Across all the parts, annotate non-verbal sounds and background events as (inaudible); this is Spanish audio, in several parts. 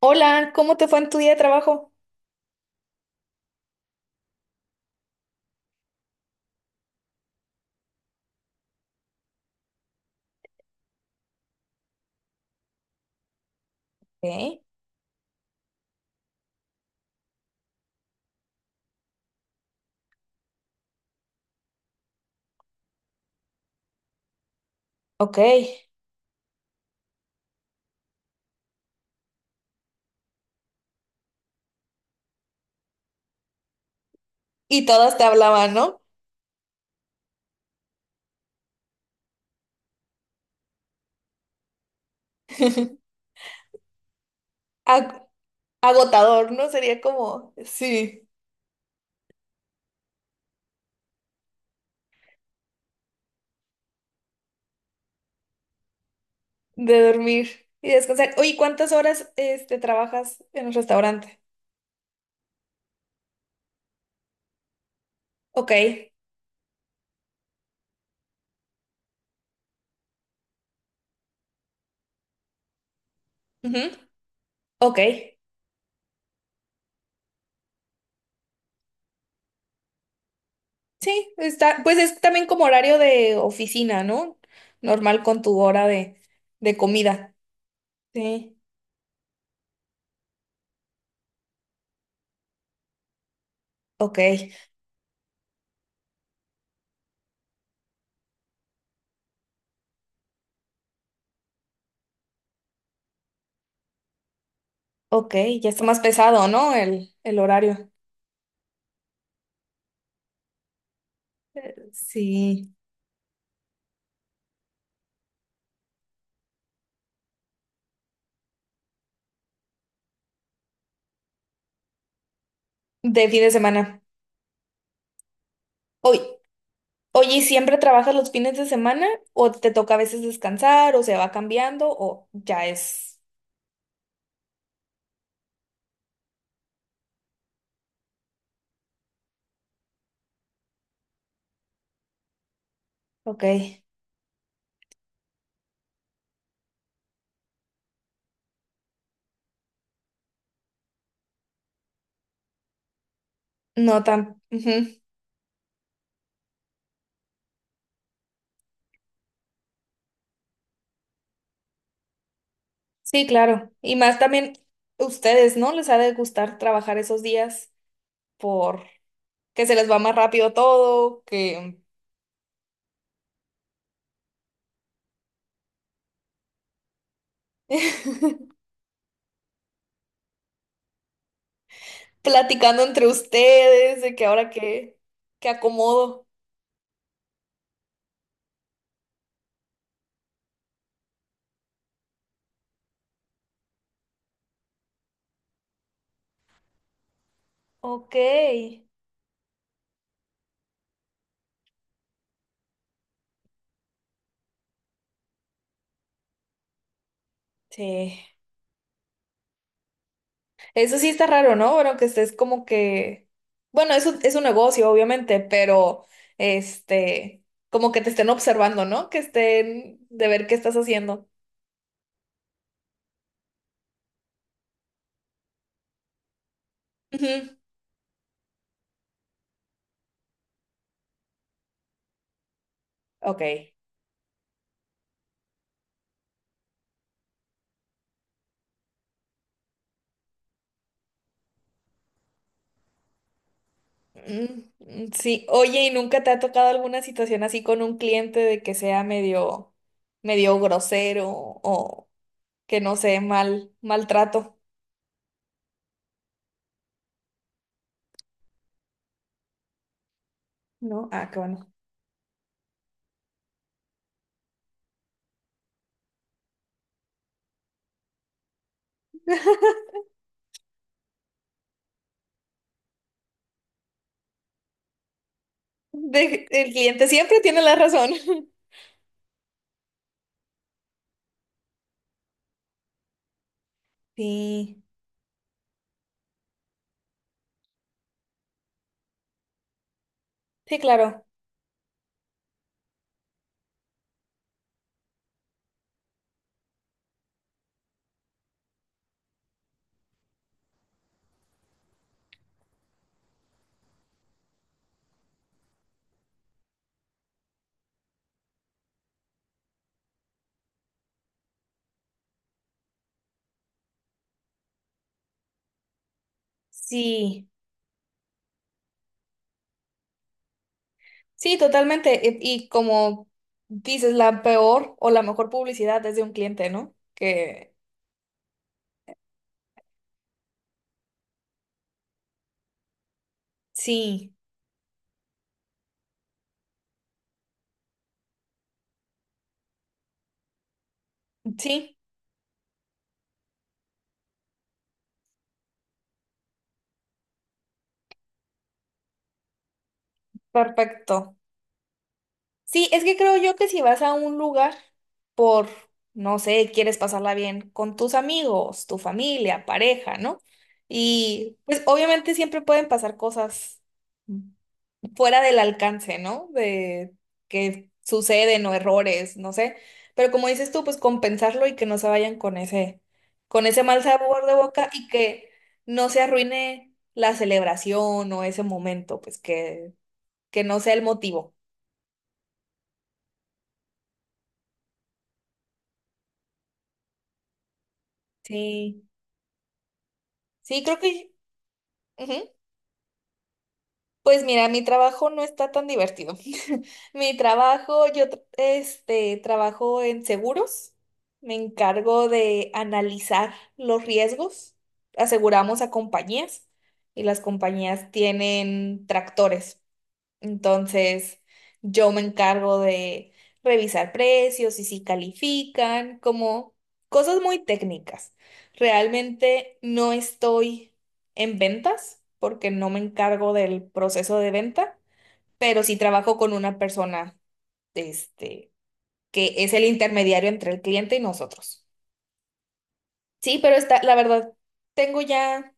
Hola, ¿cómo te fue en tu día de trabajo? Ok, ok. Y todas te hablaban, ¿no? (laughs) Ag- Agotador, ¿no? Sería como, sí, de dormir y descansar. Oye, ¿cuántas horas este, trabajas en el restaurante? Ok, ujú, ok. Sí, está, pues es también como horario de oficina, ¿no? Normal con tu hora de comida. Sí, ok, ok. Ya está más pesado, ¿no? El horario. Sí, de fin de semana. Hoy. Oye, ¿y siempre trabajas los fines de semana? ¿O te toca a veces descansar? ¿O se va cambiando? ¿O ya es? Ok. No tan. Ujú. Sí, claro. Y más también ustedes, ¿no? Les ha de gustar trabajar esos días por que se les va más rápido todo, que (laughs) platicando entre ustedes, de que ahora que acomodo. Ok. Sí. Eso sí está raro, ¿no? Bueno, que estés como que, bueno, eso es un negocio, obviamente, pero este, como que te estén observando, ¿no? Que estén de ver qué estás haciendo. Ujú, ok. Mm, mm, sí, oye, ¿y nunca te ha tocado alguna situación así con un cliente de que sea medio, medio grosero o que no sé, mal, maltrato? No, ah, qué bueno. El cliente siempre tiene la razón. (laughs) Sí, sí, claro. Sí. Sí, totalmente. Y como dices, la peor o la mejor publicidad es de un cliente, ¿no? Que sí, sí, perfecto. Sí, es que creo yo que si vas a un lugar por, no sé, quieres pasarla bien con tus amigos, tu familia, pareja, ¿no? Y pues obviamente siempre pueden pasar cosas fuera del alcance, ¿no? De que suceden o errores, no sé. Pero como dices tú, pues compensarlo y que no se vayan con ese mal sabor de boca y que no se arruine la celebración o ese momento, pues que no sea el motivo. Sí, sí, creo que... Ujú. Pues mira, mi trabajo no está tan divertido. (laughs) Mi trabajo, yo este, trabajo en seguros, me encargo de analizar los riesgos, aseguramos a compañías y las compañías tienen tractores. Entonces, yo me encargo de revisar precios y si califican, como cosas muy técnicas. Realmente no estoy en ventas porque no me encargo del proceso de venta, pero sí trabajo con una persona, este, que es el intermediario entre el cliente y nosotros. Sí, pero está, la verdad, tengo ya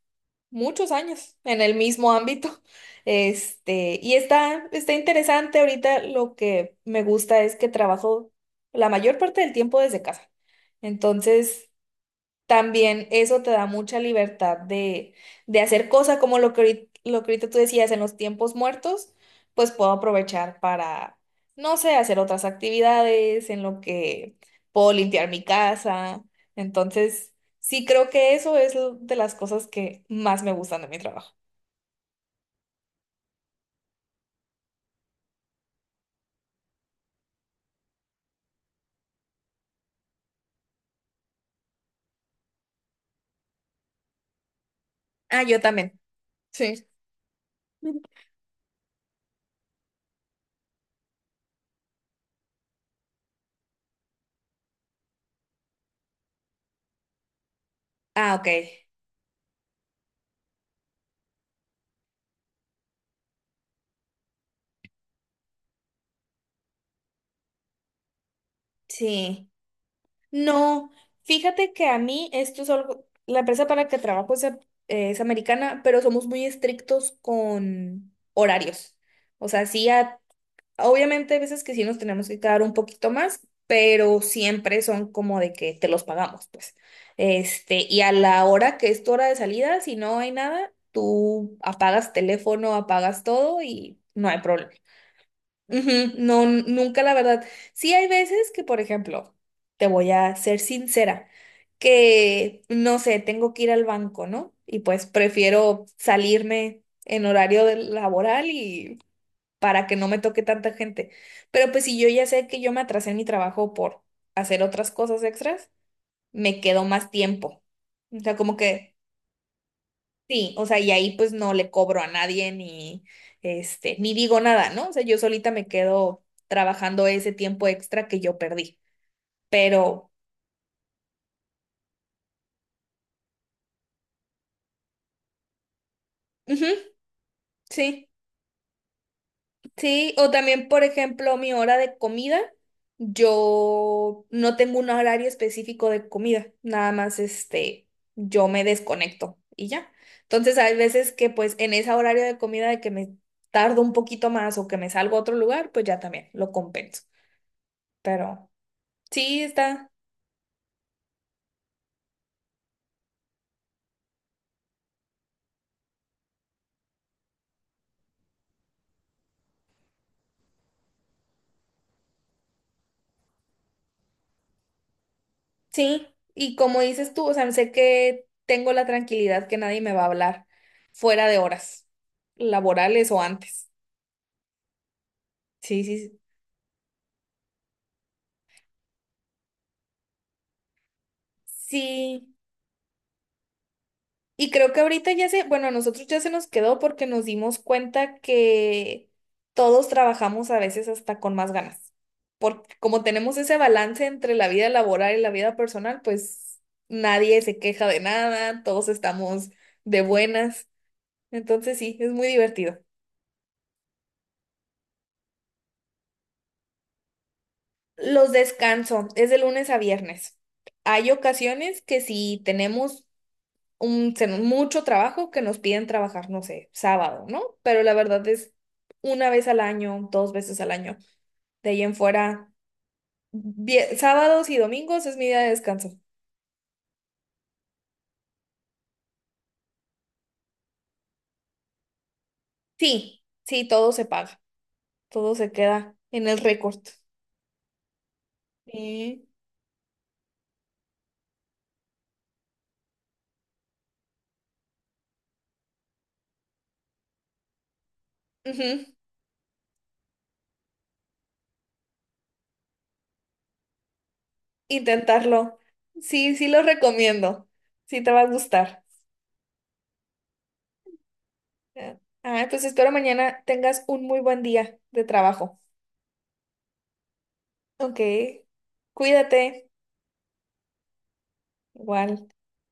muchos años en el mismo ámbito. Este, y está, está interesante. Ahorita lo que me gusta es que trabajo la mayor parte del tiempo desde casa. Entonces, también eso te da mucha libertad de hacer cosas como lo que, lo que ahorita tú decías en los tiempos muertos, pues puedo aprovechar para, no sé, hacer otras actividades, en lo que puedo limpiar mi casa. Entonces, sí creo que eso es de las cosas que más me gustan de mi trabajo. Ah, yo también. Sí. Ah, ok. Sí. No, fíjate que a mí esto es algo, la empresa para la que trabajo es, es americana, pero somos muy estrictos con horarios. O sea, sí, obviamente hay veces que sí nos tenemos que quedar un poquito más, pero siempre son como de que te los pagamos, pues. Este, y a la hora que es tu hora de salida, si no hay nada, tú apagas teléfono, apagas todo y no hay problema. Ujú, no, nunca la verdad. Sí hay veces que, por ejemplo, te voy a ser sincera, que, no sé, tengo que ir al banco, ¿no? Y pues prefiero salirme en horario laboral y para que no me toque tanta gente. Pero pues si yo ya sé que yo me atrasé en mi trabajo por hacer otras cosas extras, me quedo más tiempo. O sea, como que sí, o sea, y ahí pues no le cobro a nadie ni este, ni digo nada, ¿no? O sea, yo solita me quedo trabajando ese tiempo extra que yo perdí. Pero, ujú, sí, sí. O también, por ejemplo, mi hora de comida, yo no tengo un horario específico de comida, nada más este, yo me desconecto y ya. Entonces, hay veces que pues en ese horario de comida de que me tardo un poquito más o que me salgo a otro lugar, pues ya también lo compenso. Pero. Sí, está, sí. Y como dices tú, o sea, sé que tengo la tranquilidad que nadie me va a hablar fuera de horas laborales o antes. Sí, sí, sí. Sí, y creo que ahorita ya se, bueno, a nosotros ya se nos quedó porque nos dimos cuenta que todos trabajamos a veces hasta con más ganas. Porque como tenemos ese balance entre la vida laboral y la vida personal, pues nadie se queja de nada, todos estamos de buenas. Entonces sí, es muy divertido. Los descanso, es de lunes a viernes. Hay ocasiones que si tenemos un, mucho trabajo que nos piden trabajar, no sé, sábado, ¿no? Pero la verdad es una vez al año, dos veces al año. De ahí en fuera, sábados y domingos es mi día de descanso. Sí, sí, todo se paga, todo se queda en el récord. Sí. Ujú, intentarlo. Sí, sí lo recomiendo. Sí te va a gustar. Ah, ah, pues espero mañana tengas un muy buen día de trabajo. Ok, cuídate. Igual.